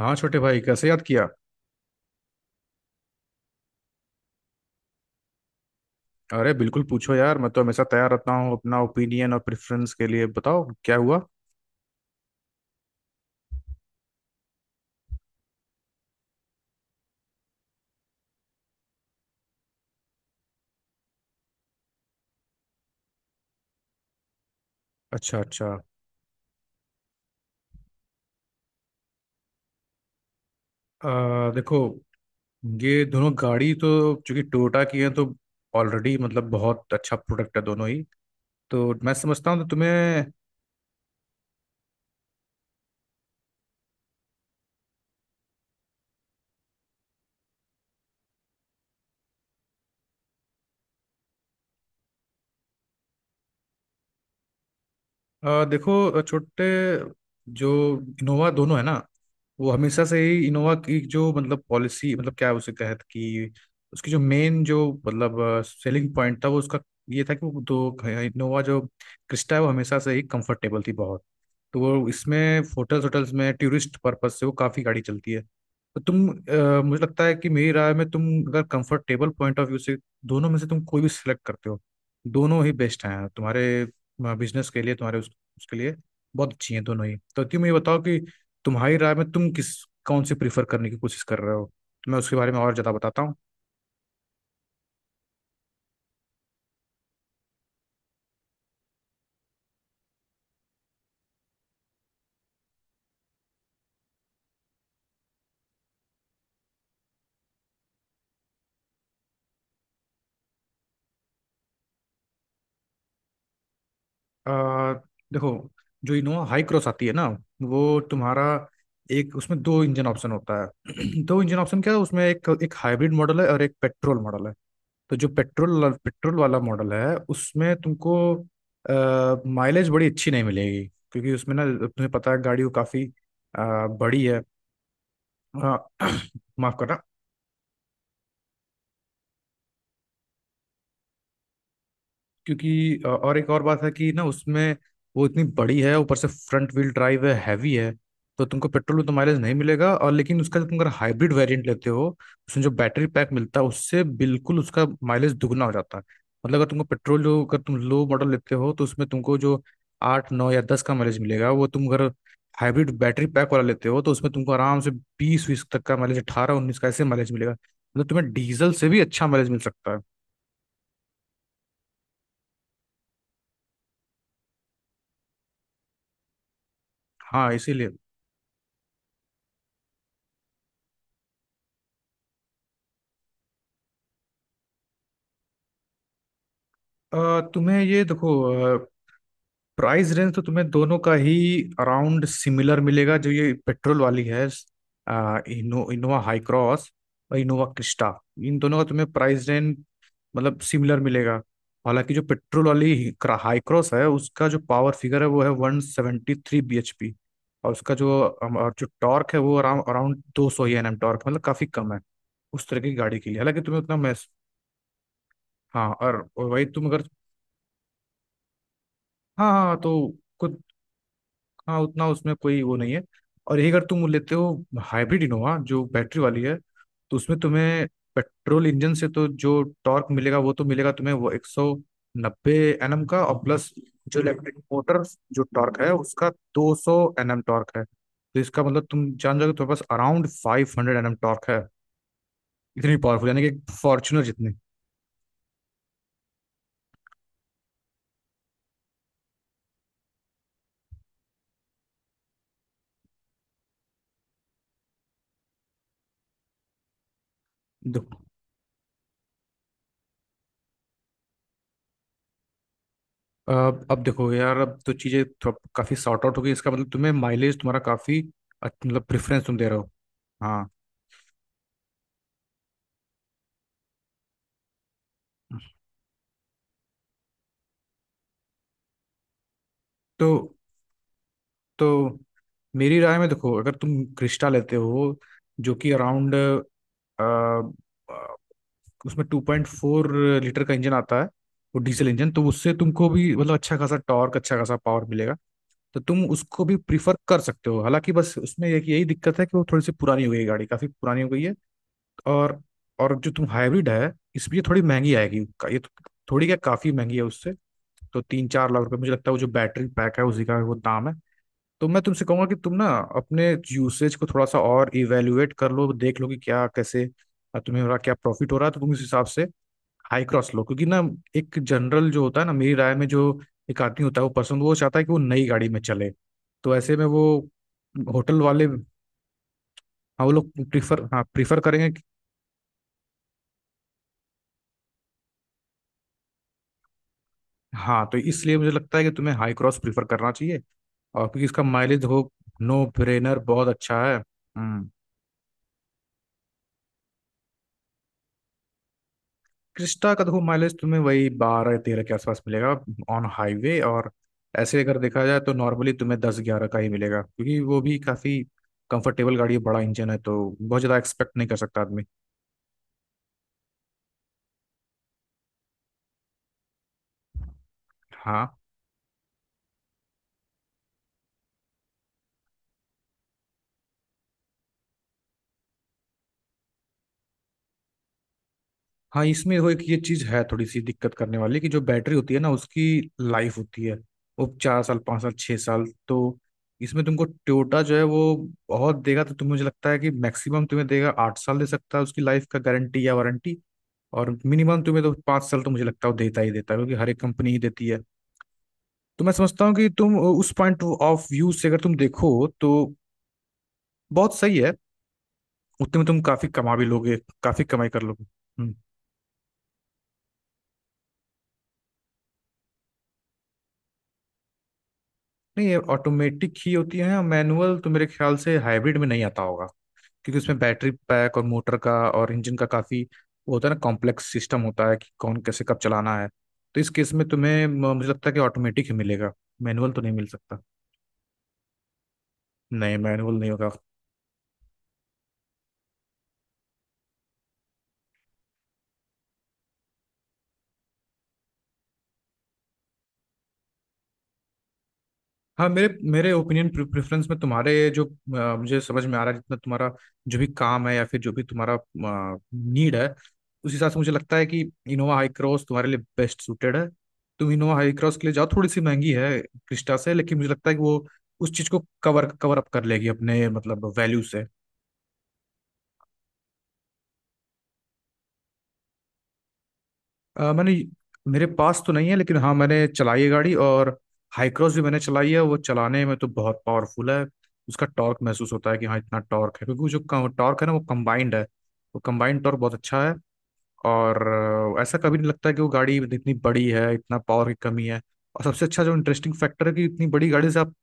हाँ छोटे भाई, कैसे याद किया। अरे बिल्कुल पूछो यार, मैं तो हमेशा तैयार रहता हूँ अपना ओपिनियन और प्रेफरेंस के लिए। बताओ क्या हुआ। अच्छा अच्छा। देखो, ये दोनों गाड़ी तो चूंकि टोयोटा की है तो ऑलरेडी मतलब बहुत अच्छा प्रोडक्ट है दोनों ही। तो मैं समझता हूँ तो तुम्हें देखो छोटे, जो इनोवा दोनों है ना, वो हमेशा से ही इनोवा की जो मतलब पॉलिसी मतलब क्या उसे कहते कि उसकी जो मेन जो मतलब सेलिंग पॉइंट था वो उसका ये था कि वो दो इनोवा जो क्रिस्टा है वो हमेशा से ही कंफर्टेबल थी बहुत। तो वो इसमें होटल्स होटल्स में टूरिस्ट पर्पस से वो काफ़ी गाड़ी चलती है। तो तुम मुझे लगता है कि मेरी राय में तुम अगर कंफर्टेबल पॉइंट ऑफ व्यू से दोनों में से तुम कोई भी सिलेक्ट करते हो, दोनों ही बेस्ट हैं तुम्हारे बिजनेस के लिए। तुम्हारे उसके लिए बहुत अच्छी हैं दोनों ही। तो तुम ये बताओ कि तुम्हारी राय में तुम किस कौन सी प्रीफर करने की कोशिश कर रहे हो, मैं उसके बारे में और ज़्यादा बताता हूँ। आ, देखो, जो इनोवा हाई क्रॉस आती है ना, वो तुम्हारा एक उसमें दो इंजन ऑप्शन होता है। दो इंजन ऑप्शन क्या है, उसमें एक एक हाइब्रिड मॉडल है और एक पेट्रोल मॉडल है। तो जो पेट्रोल पेट्रोल वाला मॉडल है उसमें तुमको माइलेज बड़ी अच्छी नहीं मिलेगी, क्योंकि उसमें ना, तुम्हें पता है गाड़ी वो काफ़ी बड़ी है। आ, माफ करना, क्योंकि और एक और बात है कि ना, उसमें वो इतनी बड़ी है, ऊपर से फ्रंट व्हील ड्राइव है, हैवी है। तो तुमको पेट्रोल में तो माइलेज नहीं मिलेगा, और लेकिन उसका जो तुम अगर हाइब्रिड वेरिएंट लेते हो उसमें जो बैटरी पैक मिलता है उससे बिल्कुल उसका माइलेज दुगना हो जाता है। मतलब अगर तुमको पेट्रोल जो अगर तुम लो मॉडल लेते हो तो उसमें तुमको जो 8, 9 या 10 का माइलेज मिलेगा, वो तुम अगर हाइब्रिड बैटरी पैक वाला लेते हो तो उसमें तुमको आराम से बीस बीस तक का माइलेज, 18, 19 का, ऐसे माइलेज मिलेगा, मतलब तुम्हें डीजल से भी अच्छा माइलेज मिल सकता है। हाँ इसीलिए तुम्हें ये देखो, प्राइस रेंज तो तुम्हें दोनों का ही अराउंड सिमिलर मिलेगा। जो ये पेट्रोल वाली है, इनोवा हाई क्रॉस और इनोवा क्रिस्टा, इन दोनों का तुम्हें प्राइस रेंज मतलब सिमिलर मिलेगा। हालांकि जो पेट्रोल वाली हाई क्रॉस है उसका जो पावर फिगर है वो है 173 BHP, और उसका जो और जो टॉर्क है वो अराउंड अराउंड 200 Nm टॉर्क, मतलब काफी कम है उस तरह की गाड़ी के लिए। हालांकि तुम्हें उतना महस। हाँ और वही तुम अगर। हाँ हाँ हाँ, तो कुछ, हाँ उतना उसमें कोई वो नहीं है। और यही अगर तुम लेते हो हाइब्रिड इनोवा जो बैटरी वाली है, तो उसमें तुम्हें पेट्रोल इंजन से तो जो टॉर्क मिलेगा वो तो मिलेगा तुम्हें, वो 190 Nm का, और प्लस जो इलेक्ट्रिक मोटर जो टॉर्क है उसका 200 Nm टॉर्क है, तो इसका मतलब तुम जान जाओगे तुम्हारे पास अराउंड 500 Nm टॉर्क है, इतनी पावरफुल, यानी कि फॉर्चुनर जितनी। अब देखो यार, अब तो चीजें काफी सॉर्ट आउट हो गई, इसका मतलब तुम्हें माइलेज तुम्हारा काफी मतलब प्रेफरेंस तुम दे रहे हो। हाँ, तो तो मेरी राय में देखो, अगर तुम क्रिस्टा लेते हो जो कि अराउंड उसमें 2.4 लीटर का इंजन आता है, वो डीजल इंजन, तो उससे तुमको भी मतलब अच्छा खासा टॉर्क, अच्छा खासा पावर मिलेगा। तो तुम उसको भी प्रीफर कर सकते हो, हालांकि बस उसमें एक यही दिक्कत है कि वो थोड़ी सी पुरानी हो गई है, गाड़ी काफी पुरानी हो गई है। और और जो तुम हाइब्रिड है इसमें ये थोड़ी महंगी आएगी। ये तो थोड़ी क्या काफी महंगी है उससे। तो 3, 4 लाख रुपए मुझे लगता है वो जो बैटरी पैक है उसी का वो दाम है। तो मैं तुमसे कहूंगा कि तुम ना, अपने यूसेज को थोड़ा सा और इवेल्युएट कर लो, देख लो कि क्या कैसे तुम्हें हो रहा, क्या प्रॉफिट हो रहा है, तो तुम इस हिसाब से हाई क्रॉस लो। क्योंकि ना, एक जनरल जो होता है ना, मेरी राय में जो एक आदमी होता है, वो पर्सन वो चाहता है कि वो नई गाड़ी में चले। तो ऐसे में वो होटल वाले, हाँ वो लोग प्रीफर, हाँ प्रीफर करेंगे। हाँ, तो इसलिए मुझे लगता है कि तुम्हें हाई क्रॉस प्रीफर करना चाहिए। और क्योंकि इसका माइलेज हो, नो ब्रेनर, बहुत अच्छा है। हम्म। क्रिस्टा का देखो माइलेज तुम्हें वही 12, 13 के आसपास मिलेगा ऑन हाईवे, और ऐसे अगर देखा जाए तो नॉर्मली तुम्हें 10, 11 का ही मिलेगा, क्योंकि वो भी काफी कंफर्टेबल गाड़ी है, बड़ा इंजन है तो बहुत ज्यादा एक्सपेक्ट नहीं कर सकता आदमी। हाँ हाँ। इसमें वो एक ये चीज है थोड़ी सी दिक्कत करने वाली कि जो बैटरी होती है ना, उसकी लाइफ होती है वो 4 साल 5 साल 6 साल। तो इसमें तुमको टोयोटा जो है वो बहुत देगा, तो तुम्हें मुझे लगता है कि मैक्सिमम तुम्हें देगा 8 साल दे सकता है उसकी लाइफ का गारंटी या वारंटी। और मिनिमम तुम्हें तो 5 साल तो मुझे लगता है वो देता ही देता है, क्योंकि हर एक कंपनी ही देती है। तो मैं समझता हूँ कि तुम उस पॉइंट ऑफ व्यू से अगर तुम देखो तो बहुत सही है, उतने में तुम काफी कमा भी लोगे, काफी कमाई कर लोगे। हम्म। नहीं, ये ऑटोमेटिक ही होती है, मैनुअल तो मेरे ख्याल से हाइब्रिड में नहीं आता होगा, क्योंकि उसमें बैटरी पैक और मोटर का और इंजन का काफ़ी वो होता है ना, कॉम्प्लेक्स सिस्टम होता है कि कौन कैसे कब चलाना है। तो इस केस में तुम्हें मुझे लगता है कि ऑटोमेटिक ही मिलेगा, मैनुअल तो नहीं मिल सकता। नहीं, मैनुअल नहीं होगा। हाँ मेरे मेरे ओपिनियन प्रेफरेंस में तुम्हारे जो मुझे समझ में आ रहा है जितना तुम्हारा जो भी काम है या फिर जो भी तुम्हारा नीड है, उस हिसाब से मुझे लगता है कि इनोवा हाई क्रॉस तुम्हारे लिए बेस्ट सूटेड है। तुम इनोवा हाई क्रॉस के लिए जाओ, थोड़ी सी महंगी है क्रिस्टा से, लेकिन मुझे लगता है कि वो उस चीज को कवर कवर अप कर लेगी अपने मतलब वैल्यू से। मैंने, मेरे पास तो नहीं है, लेकिन हाँ मैंने चलाई है गाड़ी, और हाई क्रॉस भी मैंने चलाई है, वो चलाने में तो बहुत पावरफुल है। उसका टॉर्क महसूस होता है कि हाँ इतना टॉर्क है, क्योंकि वो जो टॉर्क है ना वो कंबाइंड है, वो कंबाइंड टॉर्क बहुत अच्छा है। और ऐसा कभी नहीं लगता है कि वो गाड़ी इतनी बड़ी है, इतना पावर की कमी है। और सबसे अच्छा जो इंटरेस्टिंग फैक्टर है कि इतनी बड़ी गाड़ी से आप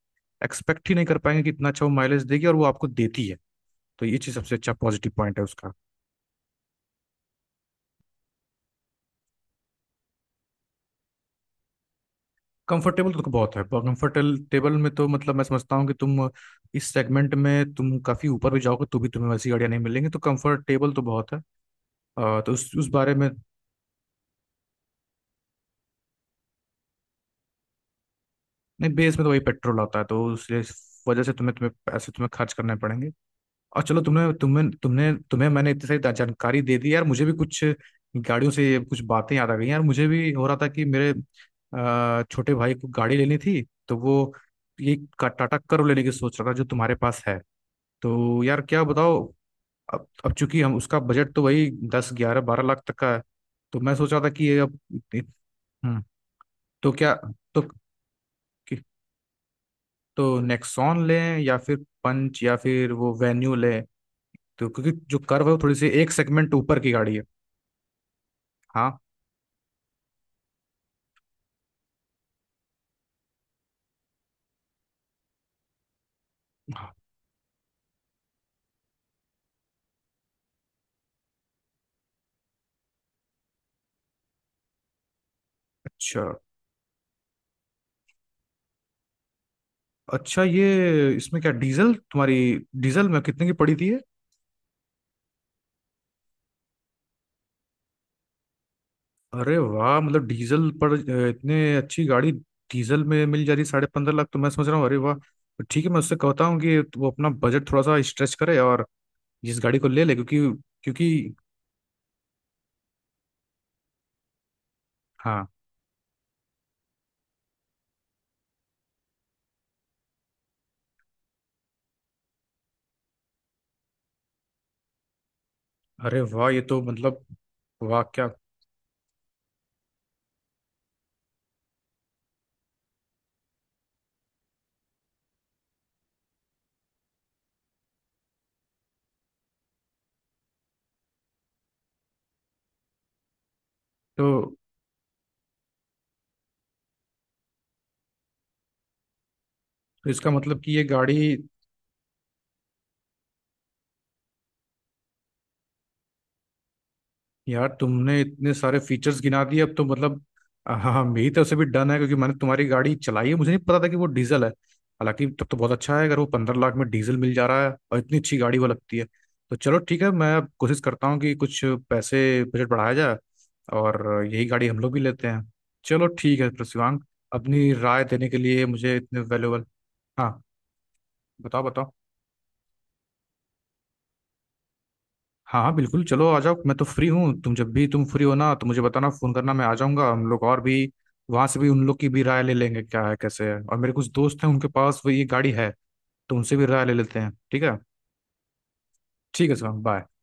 एक्सपेक्ट ही नहीं कर पाएंगे कि इतना अच्छा वो माइलेज देगी, और वो आपको देती है। तो ये चीज़ सबसे अच्छा पॉजिटिव पॉइंट है उसका। कंफर्टेबल तो बहुत है, कंफर्टेबल टेबल में तो मतलब मैं समझता हूँ कि तुम इस सेगमेंट में तुम काफ़ी ऊपर भी जाओगे तो भी तुम्हें वैसी गाड़ियाँ नहीं मिलेंगी, तो कंफर्टेबल तो बहुत है। तो उस बारे में। नहीं, बेस में तो वही पेट्रोल आता है, तो उसलिए इस वजह से तुम्हें तुम्हें पैसे तुम्हें खर्च करने पड़ेंगे। और चलो, तुमने तुम्हें मैंने इतनी सारी जानकारी दे दी यार, मुझे भी कुछ गाड़ियों से ये कुछ बातें याद आ गई। यार मुझे भी हो रहा था कि मेरे छोटे भाई को गाड़ी लेनी थी, तो वो ये टाटा कर्व लेने की सोच रहा था जो तुम्हारे पास है। तो यार क्या बताओ। अब चूंकि हम उसका बजट तो वही 10, 11, 12 लाख तक का है, तो मैं सोच रहा था कि ये अब। हम्म। तो क्या, तो तो नेक्सॉन लें या फिर पंच या फिर वो वेन्यू लें, तो क्योंकि जो कर्व है वो थोड़ी सी एक सेगमेंट ऊपर की गाड़ी है। हाँ हाँ। अच्छा अच्छा, ये इसमें क्या डीजल तुम्हारी, डीजल में कितने की पड़ी थी। अरे वाह, मतलब डीजल पर इतने अच्छी गाड़ी डीजल में मिल जा रही है 15.5 लाख, तो मैं सोच रहा हूँ अरे वाह, तो ठीक है मैं उससे कहता हूँ कि वो अपना बजट थोड़ा सा स्ट्रेच करे और इस गाड़ी को ले ले क्योंकि क्योंकि, हाँ। अरे वाह, ये तो मतलब वाह क्या। तो इसका मतलब कि ये गाड़ी। यार तुमने इतने सारे फीचर्स गिना दिए अब तो मतलब, हाँ हाँ, मेरी तरफ से भी डन है, क्योंकि मैंने तुम्हारी गाड़ी चलाई है, मुझे नहीं पता था कि वो डीजल है, हालांकि तब तो बहुत अच्छा है अगर वो 15 लाख में डीजल मिल जा रहा है और इतनी अच्छी गाड़ी वो लगती है। तो चलो ठीक है, मैं अब कोशिश करता हूँ कि कुछ पैसे, बजट बढ़ाया जाए, और यही गाड़ी हम लोग भी लेते हैं। चलो ठीक है शिवांग, अपनी राय देने के लिए मुझे इतने वैल्यूबल। हाँ बताओ बताओ। हाँ हाँ, बिल्कुल चलो आ जाओ, मैं तो फ्री हूँ, तुम जब भी तुम फ्री हो ना तो मुझे बताना, फोन करना, मैं आ जाऊंगा, हम लोग और भी वहां से भी उन लोग की भी राय ले लेंगे क्या है कैसे है, और मेरे कुछ दोस्त हैं उनके पास वो ये गाड़ी है, तो उनसे भी राय ले लेते हैं, ठीक है। ठीक है सर, बाय।